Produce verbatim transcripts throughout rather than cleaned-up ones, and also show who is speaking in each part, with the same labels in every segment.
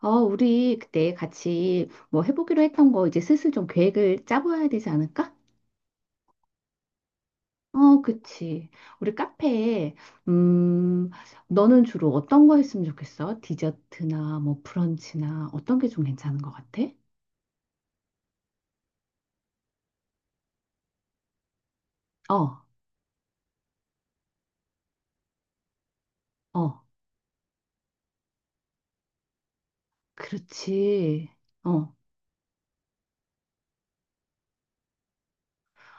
Speaker 1: 어, 우리 그때 같이 뭐 해보기로 했던 거 이제 슬슬 좀 계획을 짜봐야 되지 않을까? 어, 그치. 우리 카페에, 음, 너는 주로 어떤 거 했으면 좋겠어? 디저트나 뭐 브런치나 어떤 게 좀 괜찮은 것 같아? 어, 어, 그렇지. 어.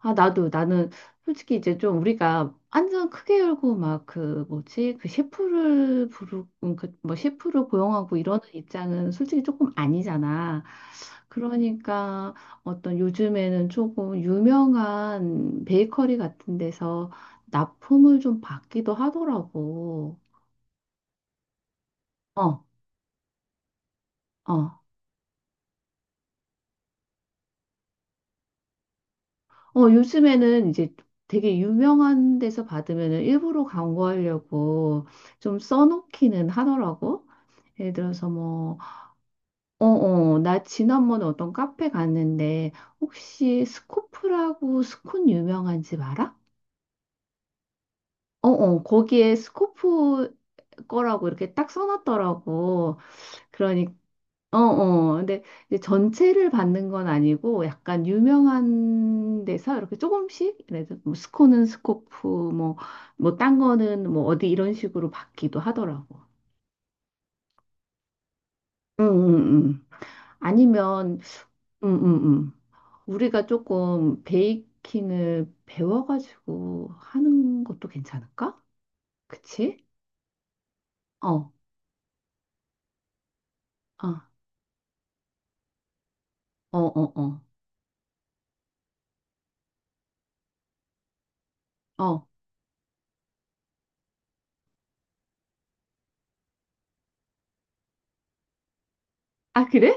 Speaker 1: 아, 나도, 나는 솔직히 이제 좀 우리가 완전 크게 열고 막 그 뭐지? 그 셰프를 부르, 그뭐 셰프를 고용하고 이러는 입장은 솔직히 조금 아니잖아. 그러니까 어떤 요즘에는 조금 유명한 베이커리 같은 데서 납품을 좀 받기도 하더라고. 어, 어. 어, 요즘에는 이제 되게 유명한 데서 받으면은 일부러 광고하려고 좀 써놓기는 하더라고. 예를 들어서 뭐, 어, 어, 나 지난번에 어떤 카페 갔는데 혹시 스코프라고 스콘 유명한 집 알아? 어, 어, 거기에 스코프 거라고 이렇게 딱 써놨더라고. 그러니, 어, 어. 근데 이제 전체를 받는 건 아니고 약간 유명한 데서 이렇게 조금씩, 그래서 뭐 스코는 스코프, 뭐, 뭐, 딴 거는 뭐 어디 이런 식으로 받기도 하더라고. 응, 응, 응. 아니면, 응, 응, 응. 우리가 조금 베이킹을 배워가지고 하는 것도 괜찮을까? 그치? 어, 어, 어, 어, 어. 어. 아, 그래?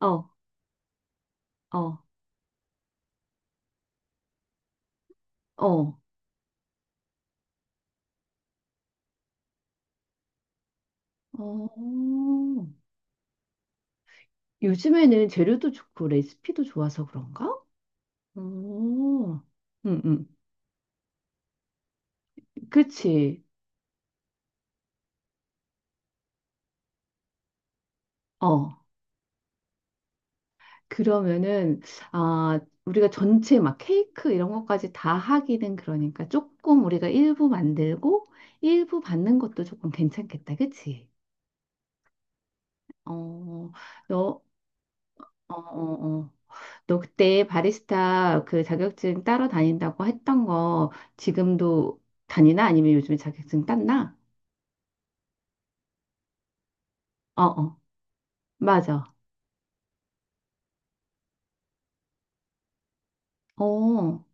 Speaker 1: 어, 어, 어. 어, 요즘에는 재료도 좋고 레시피도 좋아서 그런가? 어, 응, 응. 그치. 어. 그러면은, 아, 우리가 전체 막 케이크 이런 것까지 다 하기는 그러니까 조금 우리가 일부 만들고 일부 받는 것도 조금 괜찮겠다. 그치? 어, 너, 어, 어, 어. 너 그때 바리스타 그 자격증 따러 다닌다고 했던 거 지금도 다니나? 아니면 요즘에 자격증 땄나? 어어. 맞아. 어,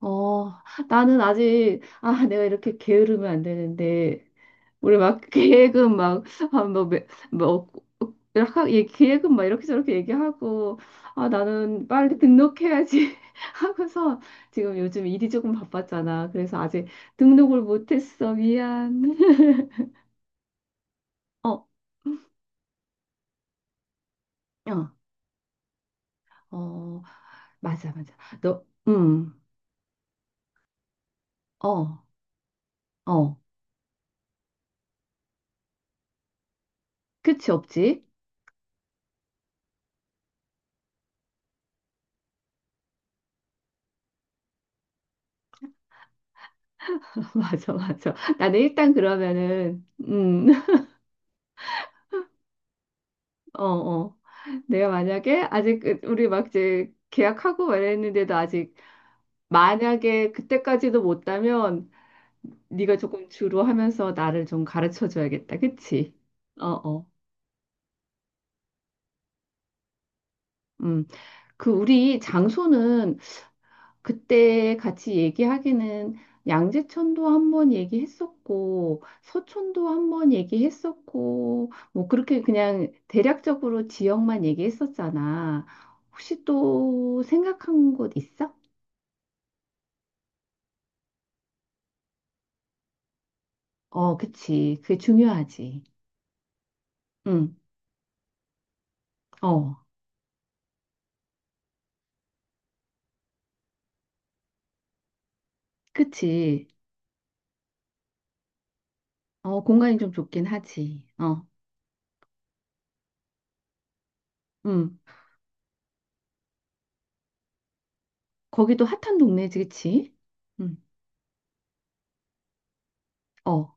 Speaker 1: 어, 나는 아직, 아, 내가 이렇게 게으르면 안 되는데, 우리 막 계획은 막, 아, 뭐, 매- 뭐, 이렇게, 계획은 막 이렇게 저렇게 얘기하고, 아, 나는 빨리 등록해야지 하고서 지금 요즘 일이 조금 바빴잖아. 그래서 아직 등록을 못했어. 미안. 어, 어, 어, 맞아, 맞아. 너, 음, 어, 어. 끝이 없지? 맞아, 맞아. 나는 일단 그러면은, 음. 어, 어. 내가 만약에 아직 그- 우리 막 이제 계약하고 말했는데도 아직 만약에 그때까지도 못다면 네가 조금 주로 하면서 나를 좀 가르쳐 줘야겠다. 그치? 어, 어. 음. 그 우리 장소는 그때 같이 얘기하기는 양재천도 한 번 얘기했었고 서촌도 한 번 얘기했었고 뭐 그렇게 그냥 대략적으로 지역만 얘기했었잖아. 혹시 또 생각한 곳 있어? 어, 그치. 그게 중요하지. 응, 어, 그치. 어, 공간이 좀 좁긴 하지. 어, 응. 거기도 핫한 동네지, 그치? 응, 어,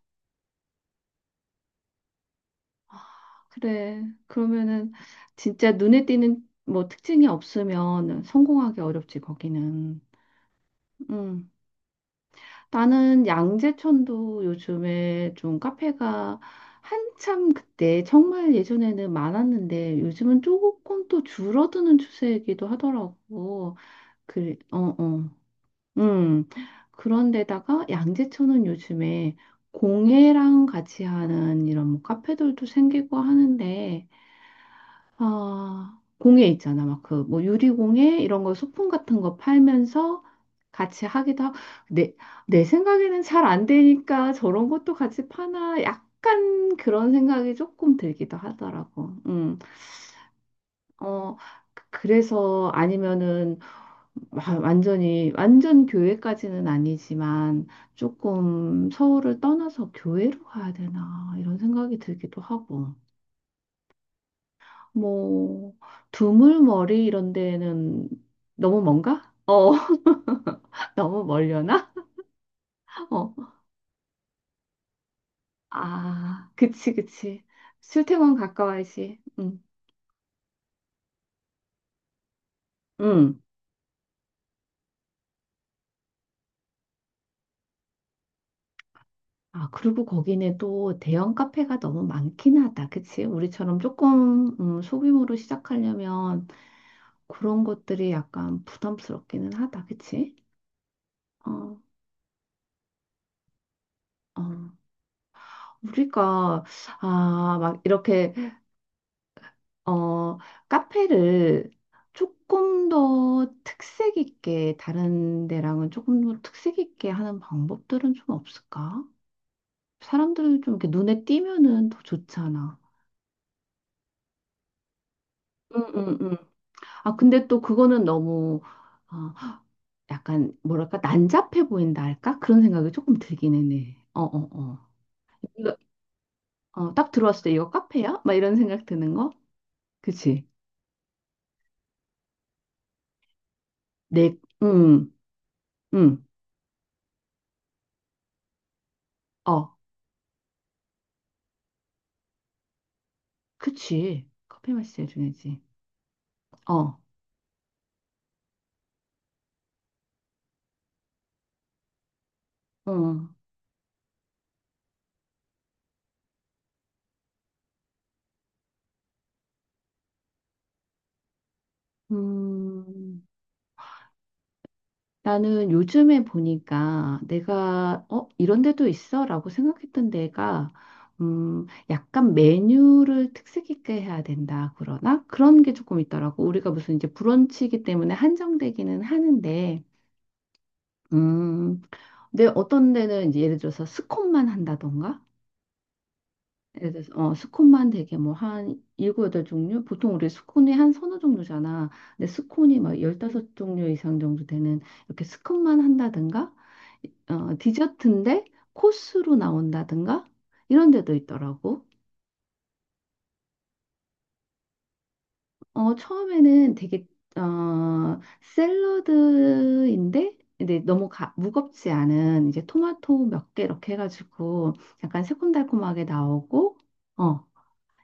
Speaker 1: 그래. 그러면은 진짜 눈에 띄는 뭐 특징이 없으면 성공하기 어렵지, 거기는. 응. 나는 양재천도 요즘에 좀 카페가 한참 그때 정말 예전에는 많았는데 요즘은 조금 또 줄어드는 추세이기도 하더라고. 그, 어, 어. 음, 그런데다가 양재천은 요즘에 공예랑 같이 하는 이런 뭐 카페들도 생기고 하는데, 아, 공예 있잖아. 막 그 뭐 유리공예 이런 거 소품 같은 거 팔면서 같이 하기도 하고, 내, 내 생각에는 잘 안 되니까 저런 것도 같이 파나 약간 그런 생각이 조금 들기도 하더라고. 음, 어, 그래서 아니면은 와- 완전히 완전 교회까지는 아니지만 조금 서울을 떠나서 교회로 가야 되나 이런 생각이 들기도 하고 뭐 두물머리 이런 데는 너무 먼가? 어 너무 멀려나? 어. 아, 그치, 그치. 출퇴근 가까워야지 응. 응. 아 그리고 거기는 또 대형 카페가 너무 많긴 하다 그치? 우리처럼 조금 음, 소규모로 시작하려면 그런 것들이 약간 부담스럽기는 하다, 그치? 어, 어. 우리가, 아, 막 이렇게, 어, 카페를 조금 더 특색 있게, 다른 데랑은 조금 더 특색 있게 하는 방법들은 좀 없을까? 사람들은 좀 이렇게 눈에 띄면은 더 좋잖아. 응, 응, 응. 아, 근데 또 그거는 너무, 어, 약간, 뭐랄까, 난잡해 보인다 할까? 그런 생각이 조금 들기는 해. 어, 어, 어. 어, 딱 들어왔을 때 이거 카페야? 막 이런 생각 드는 거? 그치? 내, 응, 응, 어, 그치. 커피 마시자 중요하지. 어, 어, 음, 나는 요즘에 보니까 내가, 어, 이런 데도 있어? 라고 생각했던 데가, 음, 약간 메뉴를 특색 있게 해야 된다. 그러나? 그런 게 조금 있더라고. 우리가 무슨 이제 브런치이기 때문에 한정되기는 하는데, 음, 근데 어떤 데는 이제 예를 들어서 스콘만 한다던가? 예를 들어서 어, 스콘만 되게 뭐 한 일곱 여덟 종류? 보통 우리 스콘이 한 서너 종류잖아. 근데 스콘이 막 열다섯 종류 이상 정도 되는 이렇게 스콘만 한다든가 어, 디저트인데 코스로 나온다든가 이런 데도 있더라고. 어, 처음에는 되게 어, 샐러드인데 근데 너무 가, 무겁지 않은 이제 토마토 몇개 이렇게 해가지고 약간 새콤달콤하게 나오고 어,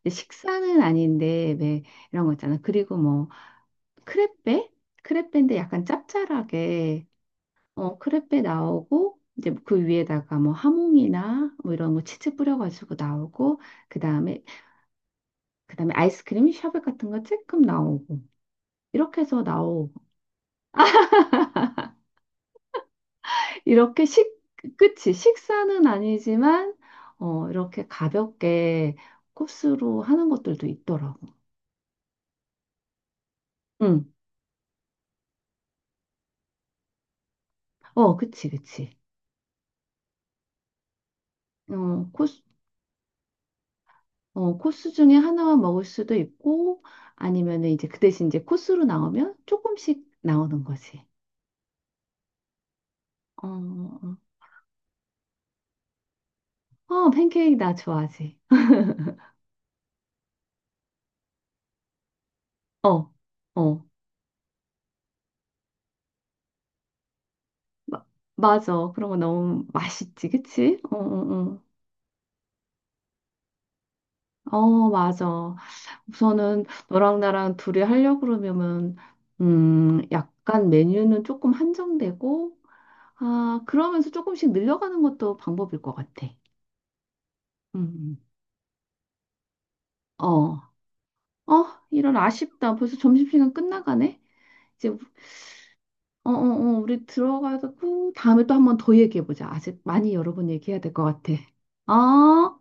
Speaker 1: 이제 식사는 아닌데 왜 이런 거 있잖아. 그리고 뭐 크레페? 크레페인데 약간 짭짤하게 어 크레페 나오고 이제 그 위에다가 뭐 하몽이나 뭐 이런 거 치즈 뿌려가지고 나오고 그다음에 그다음에 아이스크림 샤베 같은 거 조금 나오고 이렇게 해서 나오고 이렇게 식 끝이 식사는 아니지만 어 이렇게 가볍게 코스로 하는 것들도 있더라고. 응. 어, 그치, 그치. 어, 코스 어, 코스 중에 하나만 먹을 수도 있고, 아니면은 이제 그 대신 이제 코스로 나오면 조금씩 나오는 거지. 어, 어, 어, 팬케이크 나 좋아하지. 어, 어, 마, 맞아. 그런 거 너무 맛있지, 그치? 어, 어, 어, 어, 맞아. 우선은 너랑 나랑 둘이 하려고 그러면은, 음, 약간 메뉴는 조금 한정되고, 아, 그러면서 조금씩 늘려가는 것도 방법일 것 같아. 음, 음. 어, 어, 이런 아쉽다. 벌써 점심시간 끝나가네. 이제 어, 어, 어, 우리 들어가고 다음에 또 한번 더 얘기해보자. 아직 많이 여러 번 얘기해야 될 것 같아. 어?